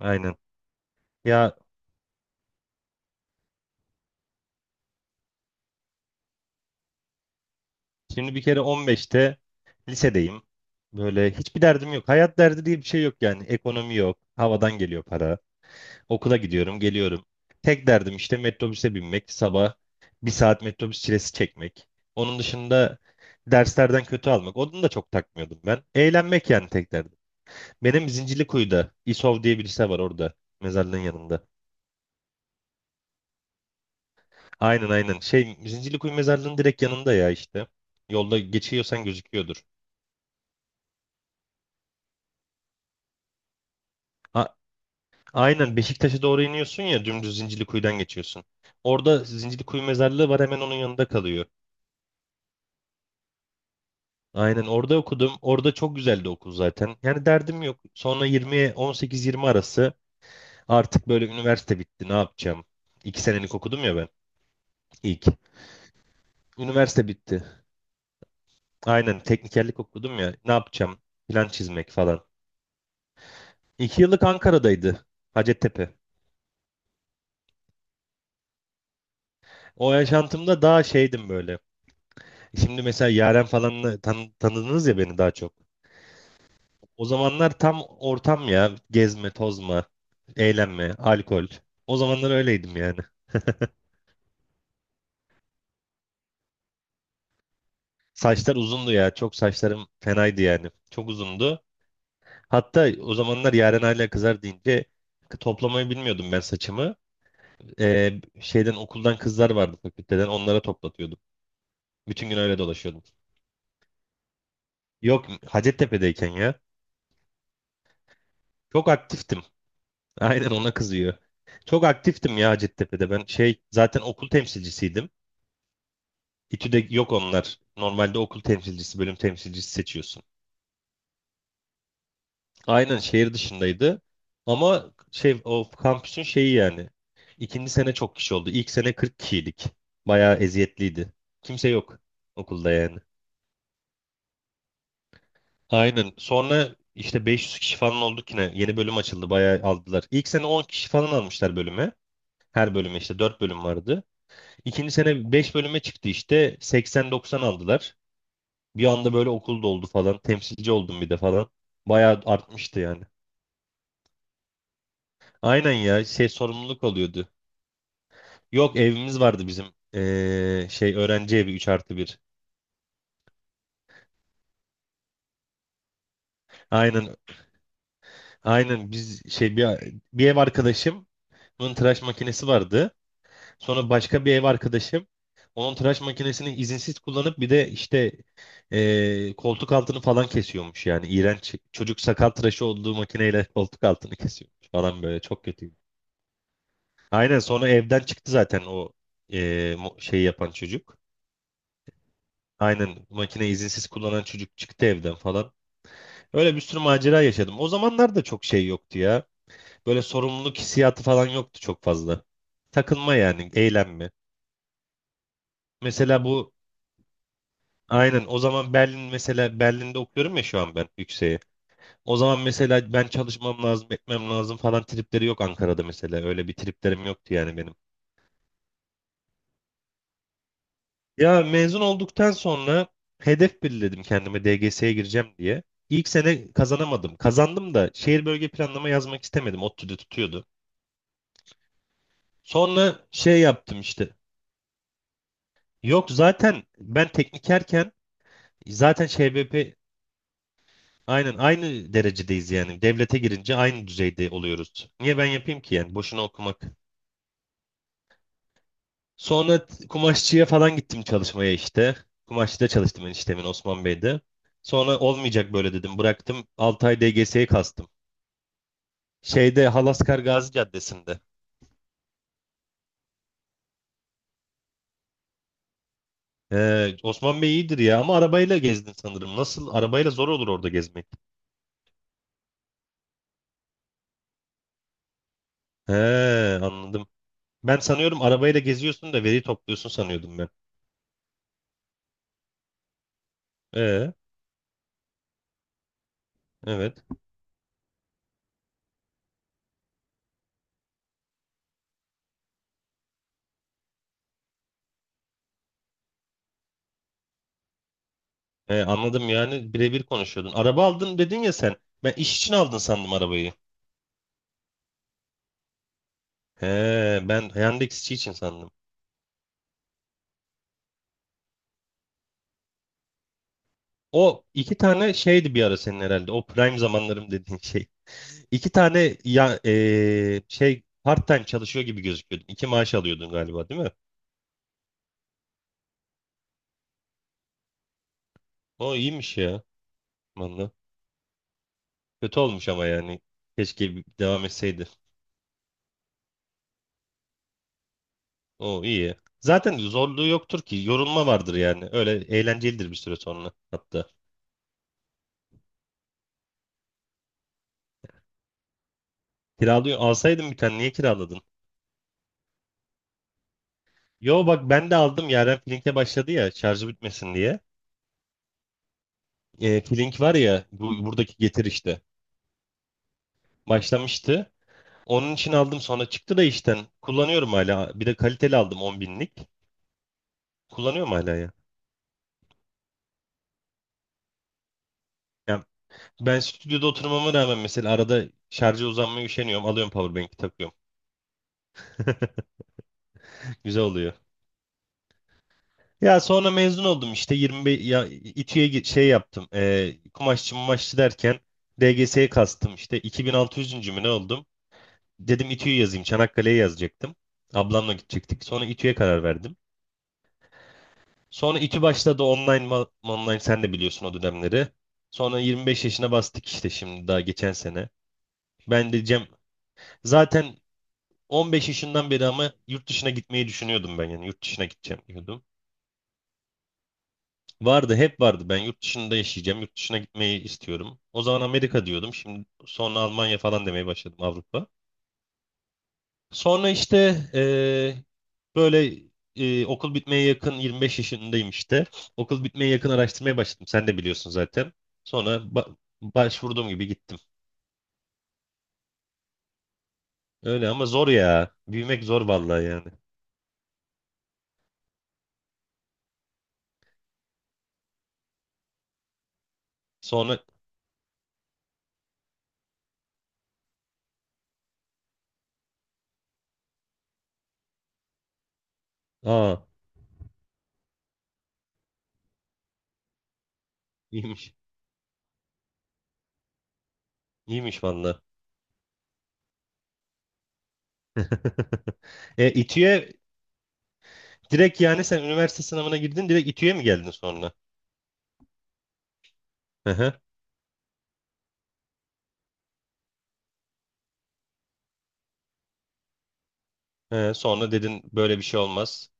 Aynen. Ya şimdi bir kere 15'te lisedeyim. Böyle hiçbir derdim yok. Hayat derdi diye bir şey yok yani. Ekonomi yok. Havadan geliyor para. Okula gidiyorum, geliyorum. Tek derdim işte metrobüse binmek. Sabah 1 saat metrobüs çilesi çekmek. Onun dışında derslerden kötü almak. Onu da çok takmıyordum ben. Eğlenmek yani tek derdim. Benim Zincirlikuyu'da İSOV diye bir lise var orada. Mezarlığın yanında. Aynen, aynen. Şey Zincirlikuyu mezarlığın direkt yanında ya işte. Yolda geçiyorsan gözüküyordur. Ha, aynen Beşiktaş'a doğru iniyorsun ya dümdüz Zincirlikuyu'dan geçiyorsun. Orada Zincirlikuyu mezarlığı var hemen onun yanında kalıyor. Aynen orada okudum. Orada çok güzeldi okul zaten. Yani derdim yok. Sonra 20'ye 18-20 arası artık böyle üniversite bitti ne yapacağım? 2 senelik okudum ya ben ilk. Üniversite bitti. Aynen teknikerlik okudum ya ne yapacağım? Plan çizmek falan. 2 yıllık Ankara'daydı. Hacettepe. O yaşantımda daha şeydim böyle. Şimdi mesela Yaren falanla tanıdınız ya beni daha çok. O zamanlar tam ortam ya. Gezme, tozma, eğlenme, alkol. O zamanlar öyleydim yani. Saçlar uzundu ya. Çok saçlarım fenaydı yani. Çok uzundu. Hatta o zamanlar Yaren hala kızar deyince toplamayı bilmiyordum ben saçımı. Şeyden okuldan kızlar vardı fakülteden. Onlara toplatıyordum. Bütün gün öyle dolaşıyordum. Yok Hacettepe'deyken ya. Çok aktiftim. Aynen ona kızıyor. Çok aktiftim ya Hacettepe'de. Ben şey zaten okul temsilcisiydim. İTÜ'de yok onlar. Normalde okul temsilcisi, bölüm temsilcisi seçiyorsun. Aynen şehir dışındaydı. Ama şey o kampüsün şeyi yani. İkinci sene çok kişi oldu. İlk sene 40 kişiydik. Bayağı eziyetliydi. Kimse yok okulda yani. Aynen. Sonra işte 500 kişi falan olduk yine. Yeni bölüm açıldı. Bayağı aldılar. İlk sene 10 kişi falan almışlar bölüme. Her bölüme işte 4 bölüm vardı. İkinci sene 5 bölüme çıktı işte. 80-90 aldılar. Bir anda böyle okul doldu falan. Temsilci oldum bir de falan. Bayağı artmıştı yani. Aynen ya şey sorumluluk oluyordu. Yok evimiz vardı bizim. Şey öğrenci evi 3+1. Aynen, aynen, biz şey bir ev arkadaşım bunun tıraş makinesi vardı. Sonra başka bir ev arkadaşım onun tıraş makinesini izinsiz kullanıp bir de işte koltuk altını falan kesiyormuş yani. İğrenç. Çocuk sakal tıraşı olduğu makineyle koltuk altını kesiyormuş falan böyle çok kötü. Aynen sonra evden çıktı zaten o şeyi yapan çocuk. Aynen makine izinsiz kullanan çocuk çıktı evden falan. Öyle bir sürü macera yaşadım. O zamanlar da çok şey yoktu ya. Böyle sorumluluk hissiyatı falan yoktu çok fazla. Takılma yani, eğlenme. Mesela bu aynen o zaman Berlin mesela Berlin'de okuyorum ya şu an ben yükseğe. O zaman mesela ben çalışmam lazım, etmem lazım falan tripleri yok Ankara'da mesela. Öyle bir triplerim yoktu yani benim. Ya mezun olduktan sonra hedef belirledim kendime DGS'ye gireceğim diye. İlk sene kazanamadım. Kazandım da şehir bölge planlama yazmak istemedim. ODTÜ'de tutuyordu. Sonra şey yaptım işte. Yok zaten ben teknikerken zaten ŞBP aynen aynı derecedeyiz yani. Devlete girince aynı düzeyde oluyoruz. Niye ben yapayım ki yani boşuna okumak. Sonra kumaşçıya falan gittim çalışmaya işte. Kumaşçıda çalıştım eniştemin Osman Bey'de. Sonra olmayacak böyle dedim. Bıraktım 6 ay DGS'ye kastım. Şeyde Halaskar Gazi Caddesi'nde. He, Osman Bey iyidir ya ama arabayla gezdin sanırım. Nasıl? Arabayla zor olur orada gezmek. He, anladım. Ben sanıyorum arabayla geziyorsun da veri topluyorsun sanıyordum ben. E, evet. Anladım yani birebir konuşuyordun. Araba aldın dedin ya sen. Ben iş için aldın sandım arabayı. He, ben Yandex işi için sandım. O iki tane şeydi bir ara senin herhalde. O prime zamanlarım dediğin şey. İki tane ya şey part time çalışıyor gibi gözüküyordun. İki maaş alıyordun galiba değil mi? O iyiymiş ya. Valla. Kötü olmuş ama yani. Keşke devam etseydi. O iyi ya. Zaten zorluğu yoktur ki. Yorulma vardır yani. Öyle eğlencelidir bir süre sonra hatta. Kiralıyor. Alsaydın bir tane niye kiraladın? Yo bak ben de aldım. Yaren Flink'e başladı ya şarjı bitmesin diye. Flink var ya buradaki Getir işte. Başlamıştı. Onun için aldım sonra çıktı da işten. Kullanıyorum hala. Bir de kaliteli aldım 10 binlik. Kullanıyorum hala ya. Ya ben stüdyoda oturmama rağmen mesela arada şarja uzanmaya üşeniyorum. Alıyorum powerbank'i takıyorum. Güzel oluyor. Ya sonra mezun oldum işte 25 ya İTÜ'ye şey yaptım. Kumaşçı mumaşçı derken DGS'ye kastım işte 2600 mü ne oldum? Dedim İTÜ'yü yazayım. Çanakkale'ye yazacaktım. Ablamla gidecektik. Sonra İTÜ'ye karar verdim. Sonra İTÜ başladı online online sen de biliyorsun o dönemleri. Sonra 25 yaşına bastık işte şimdi daha geçen sene. Ben de Cem zaten 15 yaşından beri ama yurt dışına gitmeyi düşünüyordum ben yani yurt dışına gideceğim diyordum. Vardı hep vardı ben yurt dışında yaşayacağım yurt dışına gitmeyi istiyorum. O zaman Amerika diyordum şimdi sonra Almanya falan demeye başladım Avrupa. Sonra işte böyle okul bitmeye yakın 25 yaşındayım işte. Okul bitmeye yakın araştırmaya başladım sen de biliyorsun zaten. Sonra başvurduğum gibi gittim. Öyle ama zor ya büyümek zor vallahi yani. Sonra aa iyiymiş iyiymiş vallahi. İTÜ'ye direkt yani sen üniversite sınavına girdin direkt İTÜ'ye mi geldin sonra? Hı hı. Sonra dedin böyle bir şey olmaz.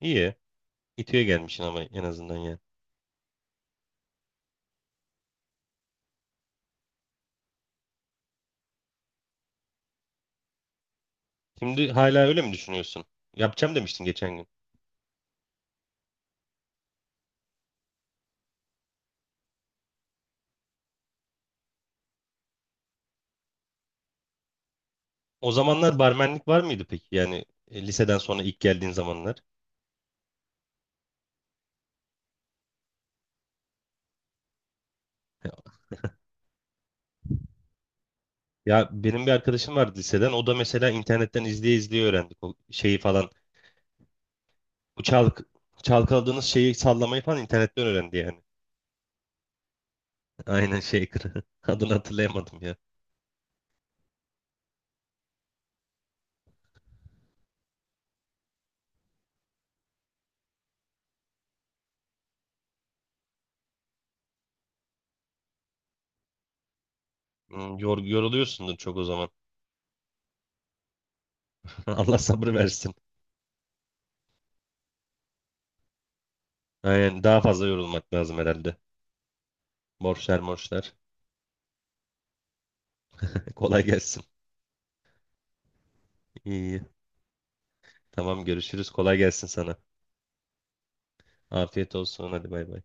İyi. İTÜ'ye gelmişsin ama en azından yani. Şimdi hala öyle mi düşünüyorsun? Yapacağım demiştin geçen gün. O zamanlar barmenlik var mıydı peki? Yani liseden sonra ilk geldiğin zamanlar. Ya benim bir arkadaşım vardı liseden. O da mesela internetten izleye izleye öğrendik o şeyi falan. Bu çalkaladığınız şeyi sallamayı falan internetten öğrendi yani. Aynen shaker. Adını hatırlayamadım. Yoruluyorsundur çok o zaman. Allah sabır versin. Aynen daha fazla yorulmak lazım herhalde. Borçlar morçlar. Kolay gelsin. İyi. Tamam görüşürüz. Kolay gelsin sana. Afiyet olsun. Hadi bay bay.